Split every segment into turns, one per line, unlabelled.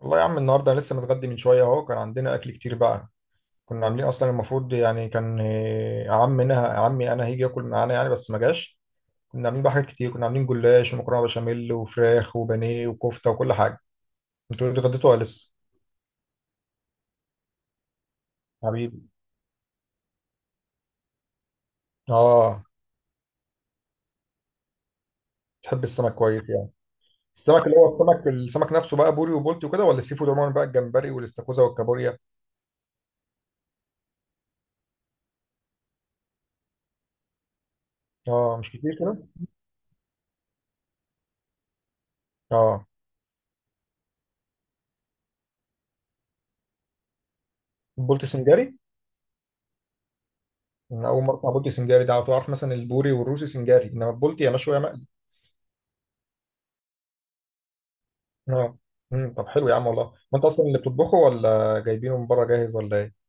والله يا عم، النهارده أنا لسه متغدي من شويه. اهو كان عندنا اكل كتير بقى. كنا عاملين اصلا المفروض يعني كان عمي انا هيجي ياكل معانا يعني، بس ما جاش. كنا عاملين بقى حاجات كتير. كنا عاملين جلاش ومكرونه بشاميل وفراخ وبانيه وكفته وكل حاجه. انتوا اتغديتوا ولا لسه؟ حبيبي. اه، تحب السمك كويس يعني؟ السمك اللي هو السمك نفسه بقى، بوري وبولتي وكده، ولا السي فود عموما بقى، الجمبري والاستاكوزا والكابوريا؟ اه، مش كتير كده. اه، البولتي سنجاري. انا اول مره اسمع بولتي سنجاري ده. على طول اعرف مثلا البوري والروسي سنجاري، انما البولتي يا مشوي. اه. طب حلو يا عم والله. ما انت اصلا اللي بتطبخه ولا جايبينه من بره جاهز ولا ايه؟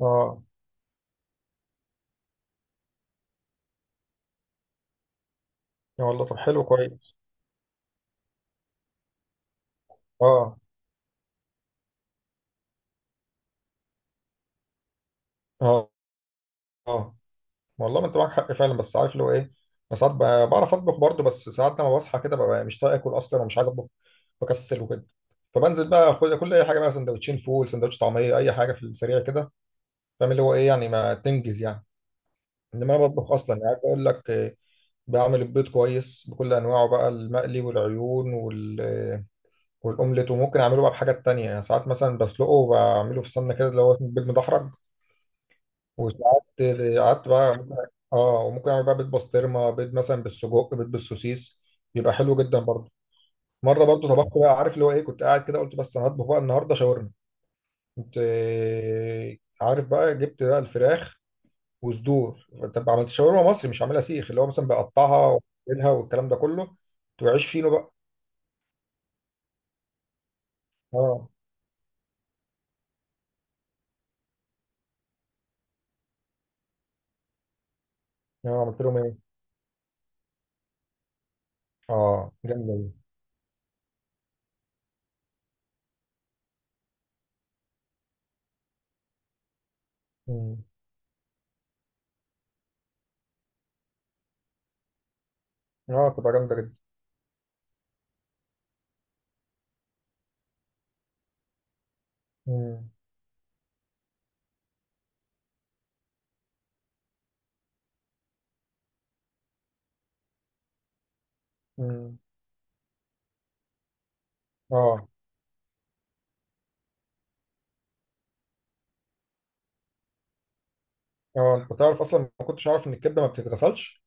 اه. يا والله، طب حلو كويس. اه. اه. اه، والله ما انت معاك حق فعلا. بس عارف اللي هو ايه، انا ساعات بعرف اطبخ برضه، بس ساعات لما بصحى كده ببقى مش طايق اكل اصلا ومش عايز اطبخ. بكسل وكده. فبنزل بقى اخد كل اي حاجه بقى، سندوتشين فول، سندوتش طعميه، اي حاجه في السريع كده. فاهم اللي هو ايه يعني، ما تنجز يعني. انما انا بطبخ اصلا يعني، عايز اقول لك. بعمل البيض كويس بكل انواعه بقى، المقلي والعيون وال والاومليت. وممكن اعمله بقى بحاجات تانية يعني. ساعات مثلا بسلقه وبعمله في السمنه كده، اللي هو اسمه بيض مدحرج. وساعات قعدت بقى ممكن. اه. وممكن اعمل بقى بيض بسطرمه، بيض مثلا بالسجق، بيض بالسوسيس. بيبقى حلو جدا برضه. مره برضه طبخت بقى، عارف اللي هو ايه، كنت قاعد كده قلت بس انا هطبخ بقى النهارده شاورما. كنت عارف بقى، جبت بقى الفراخ وصدور. طب عملت شاورما مصري، مش عاملها سيخ، اللي هو مثلا بقطعها واعملها والكلام ده كله. كنت بعيش فينو بقى. اه. اه، عملت لهم ايه؟ اه، جامده دي. مم. اه، تبقى جامده جدا. مم. مم. اه. اه، انت تعرف اصلا ما كنتش عارف ان الكبده ما بتتغسلش.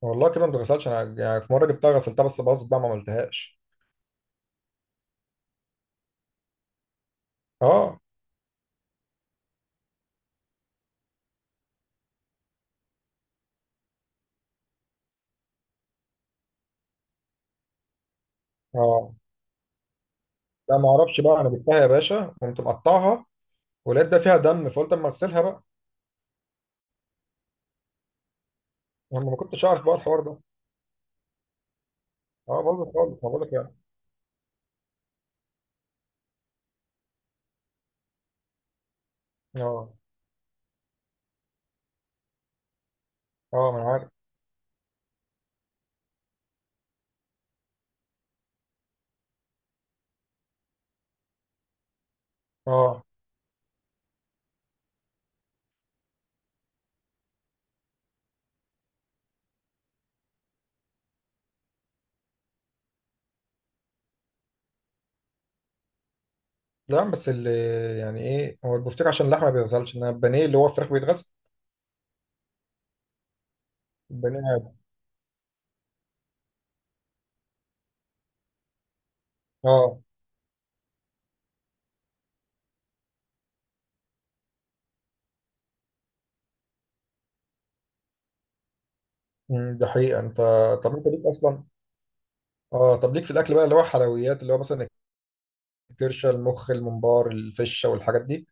والله الكبده ما بتتغسلش. انا يعني في مره جبتها غسلتها بس باظت بقى، ما عملتهاش. اه. اه. لا، ما اعرفش بقى. انا جبتها يا باشا قمت مقطعها، ولقيت ده فيها دم، فقلت اما اغسلها بقى. انا ما كنتش عارف بقى الحوار ده. اه، باظت خالص ما بقول لك يعني. اه. اه، ما انا عارف. اه. لا، بس اللي يعني ايه هو البفتيك عشان اللحمه ما بيتغسلش، انما البانيه اللي هو الفراخ بيتغسل. البانيه عادي. اه. مم، ده حقيقه انت. طب انت ليك اصلا. اه، طب ليك في الاكل بقى اللي هو حلويات اللي هو مثلا الكرشه، المخ، الممبار، الفشه، والحاجات دي؟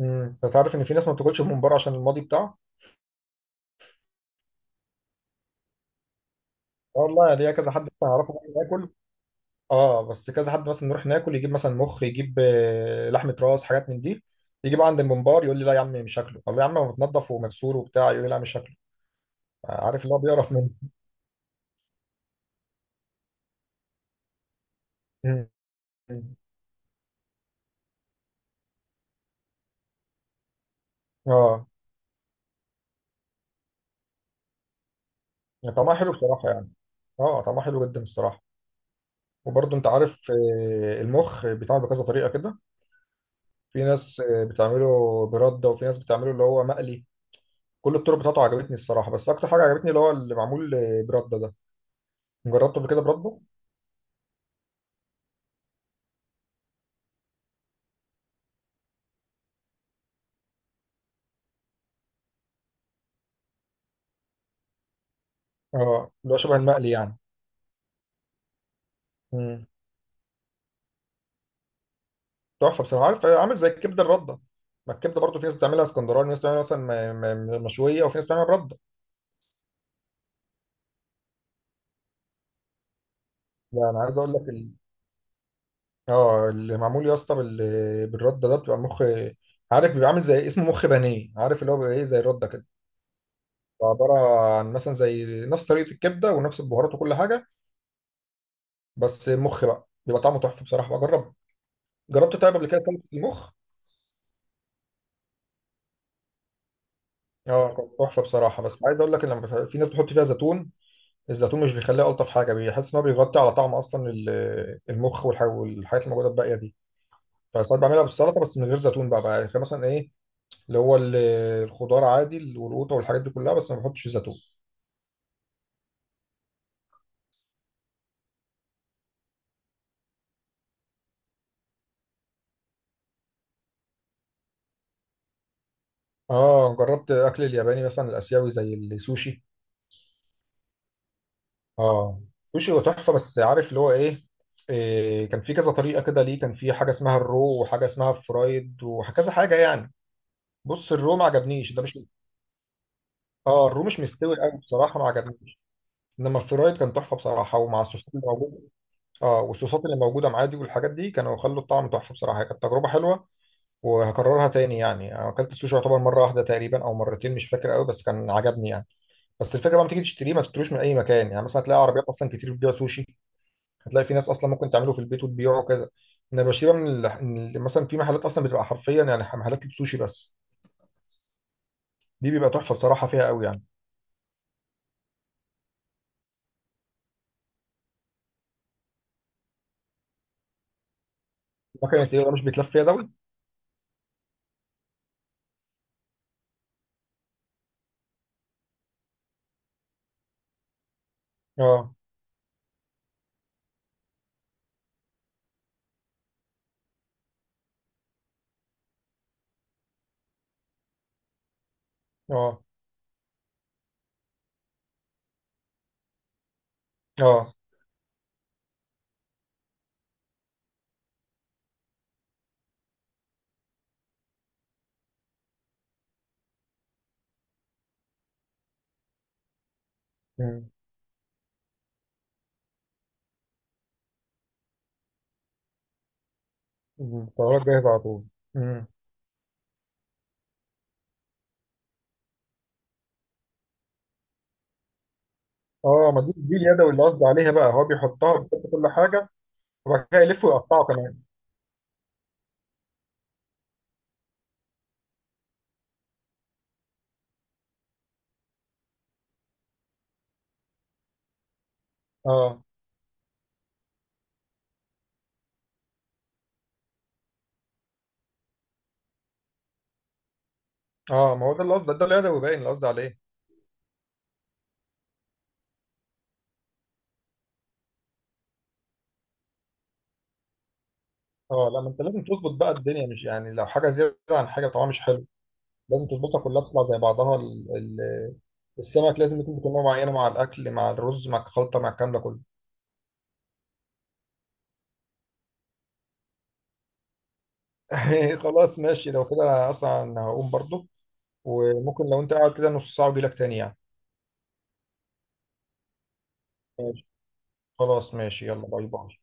انت عارف ان في ناس ما بتاكلش الممبار عشان الماضي بتاعه؟ اه، والله ليا كذا حد مثلا اعرفه بقى ناكل. اه، بس كذا حد مثلا نروح ناكل يجيب مثلا مخ، يجيب لحمه راس، حاجات من دي. يجيب عند الممبار يقول لي لا يا عم مش هاكله. طب يا عم هو متنضف ومغسول وبتاع؟ يقول لي لا مش هاكله. عارف اللي هو بيقرف منه. مم. اه، يعني طعمها حلو بصراحه يعني. اه، طعمها حلو جدا الصراحه. وبرضه انت عارف. المخ بيتعمل بكذا طريقه كده. في ناس بتعمله برده، وفي ناس بتعمله اللي هو مقلي. كل الطرق بتاعته عجبتني الصراحه. بس اكتر حاجه عجبتني اللي هو اللي معمول برده ده. جربته قبل كده برده. اه، اللي هو شبه المقلي يعني. مم. تحفه بصراحه. عارف عامل زي الكبده الرده. ما الكبده برضه في ناس بتعملها اسكندراني، وفي ناس بتعملها مثلا مشويه، وفي ناس بتعملها برده. لا، انا عايز اقول لك. اه، اللي معمول يا اسطى بالرده ده بتبقى مخ. عارف بيبقى عامل زي اسمه مخ بانيه. عارف اللي هو بيبقى ايه زي الرده كده. عباره عن مثلا زي نفس طريقه الكبده ونفس البهارات وكل حاجه، بس مخ بقى. بيبقى طعمه تحفه بصراحه. بجرب. جربت طيب قبل كده سلطه المخ؟ اه، كانت تحفه بصراحه. بس عايز اقول لك ان لما في ناس بتحط فيها زيتون. الزيتون مش بيخليها الطف حاجه. بيحس ان هو بيغطي على طعم اصلا المخ والحاجات اللي موجوده الباقيه دي. فساعات بعملها بالسلطه بس من غير زيتون بقى يعني مثلا ايه، اللي هو الخضار عادي والقوطه والحاجات دي كلها، بس ما بحطش زيتون. اه. جربت اكل الياباني مثلا الاسيوي زي السوشي؟ اه، سوشي هو تحفه. بس عارف اللي هو ايه، كان في كذا طريقه كده ليه. كان في حاجه اسمها الرو وحاجه اسمها فرايد وكذا حاجه يعني. بص الرو ما عجبنيش ده مش. اه، الرو مش مستوي قوي بصراحه ما عجبنيش. انما الفرايد كان تحفه بصراحه، ومع الصوصات اللي موجوده. اه، والصوصات اللي موجوده معاه دي والحاجات دي كانوا خلوا الطعم تحفه بصراحه. كانت تجربه حلوه وهكررها تاني يعني. انا اكلت السوشي يعتبر مره واحده تقريبا او مرتين، مش فاكر قوي، بس كان عجبني يعني. بس الفكره بقى لما تيجي تشتريه، ما تشتروش من اي مكان يعني. مثلا هتلاقي عربيات اصلا كتير بتبيع سوشي. هتلاقي في ناس اصلا ممكن تعمله في البيت وتبيعه كده. انما بشيبه من مثلا في محلات اصلا بتبقى حرفيا يعني، محلات سوشي بس. دي بيبقى تحفه بصراحه فيها قوي يعني. مكنه ايه مش بيتلف فيها دوت؟ اه. اه. اه. امم أمم. الطيارات جاهزه على طول. امم اه، ما دي اليدوي اللي قصدي عليها بقى. هو بيحطها بيحط كل حاجه وبعد كده يلف ويقطعه كمان. اه. اه، ما هو ده اللي قصدي، ده اليدوي باين اللي قصدي عليه. اه. لا، ما انت لازم تظبط بقى الدنيا. مش يعني لو حاجه زياده عن حاجه طبعا مش حلو. لازم تظبطها كلها تطلع زي بعضها. السمك لازم يكون بكمية معينة مع الأكل مع الرز مع الخلطة مع الكلام ده كله. خلاص ماشي، لو كده أنا أصلا هقوم برضو. وممكن لو أنت قاعد كده نص ساعة وأجيلك تاني يعني. ماشي. خلاص ماشي، يلا باي باي.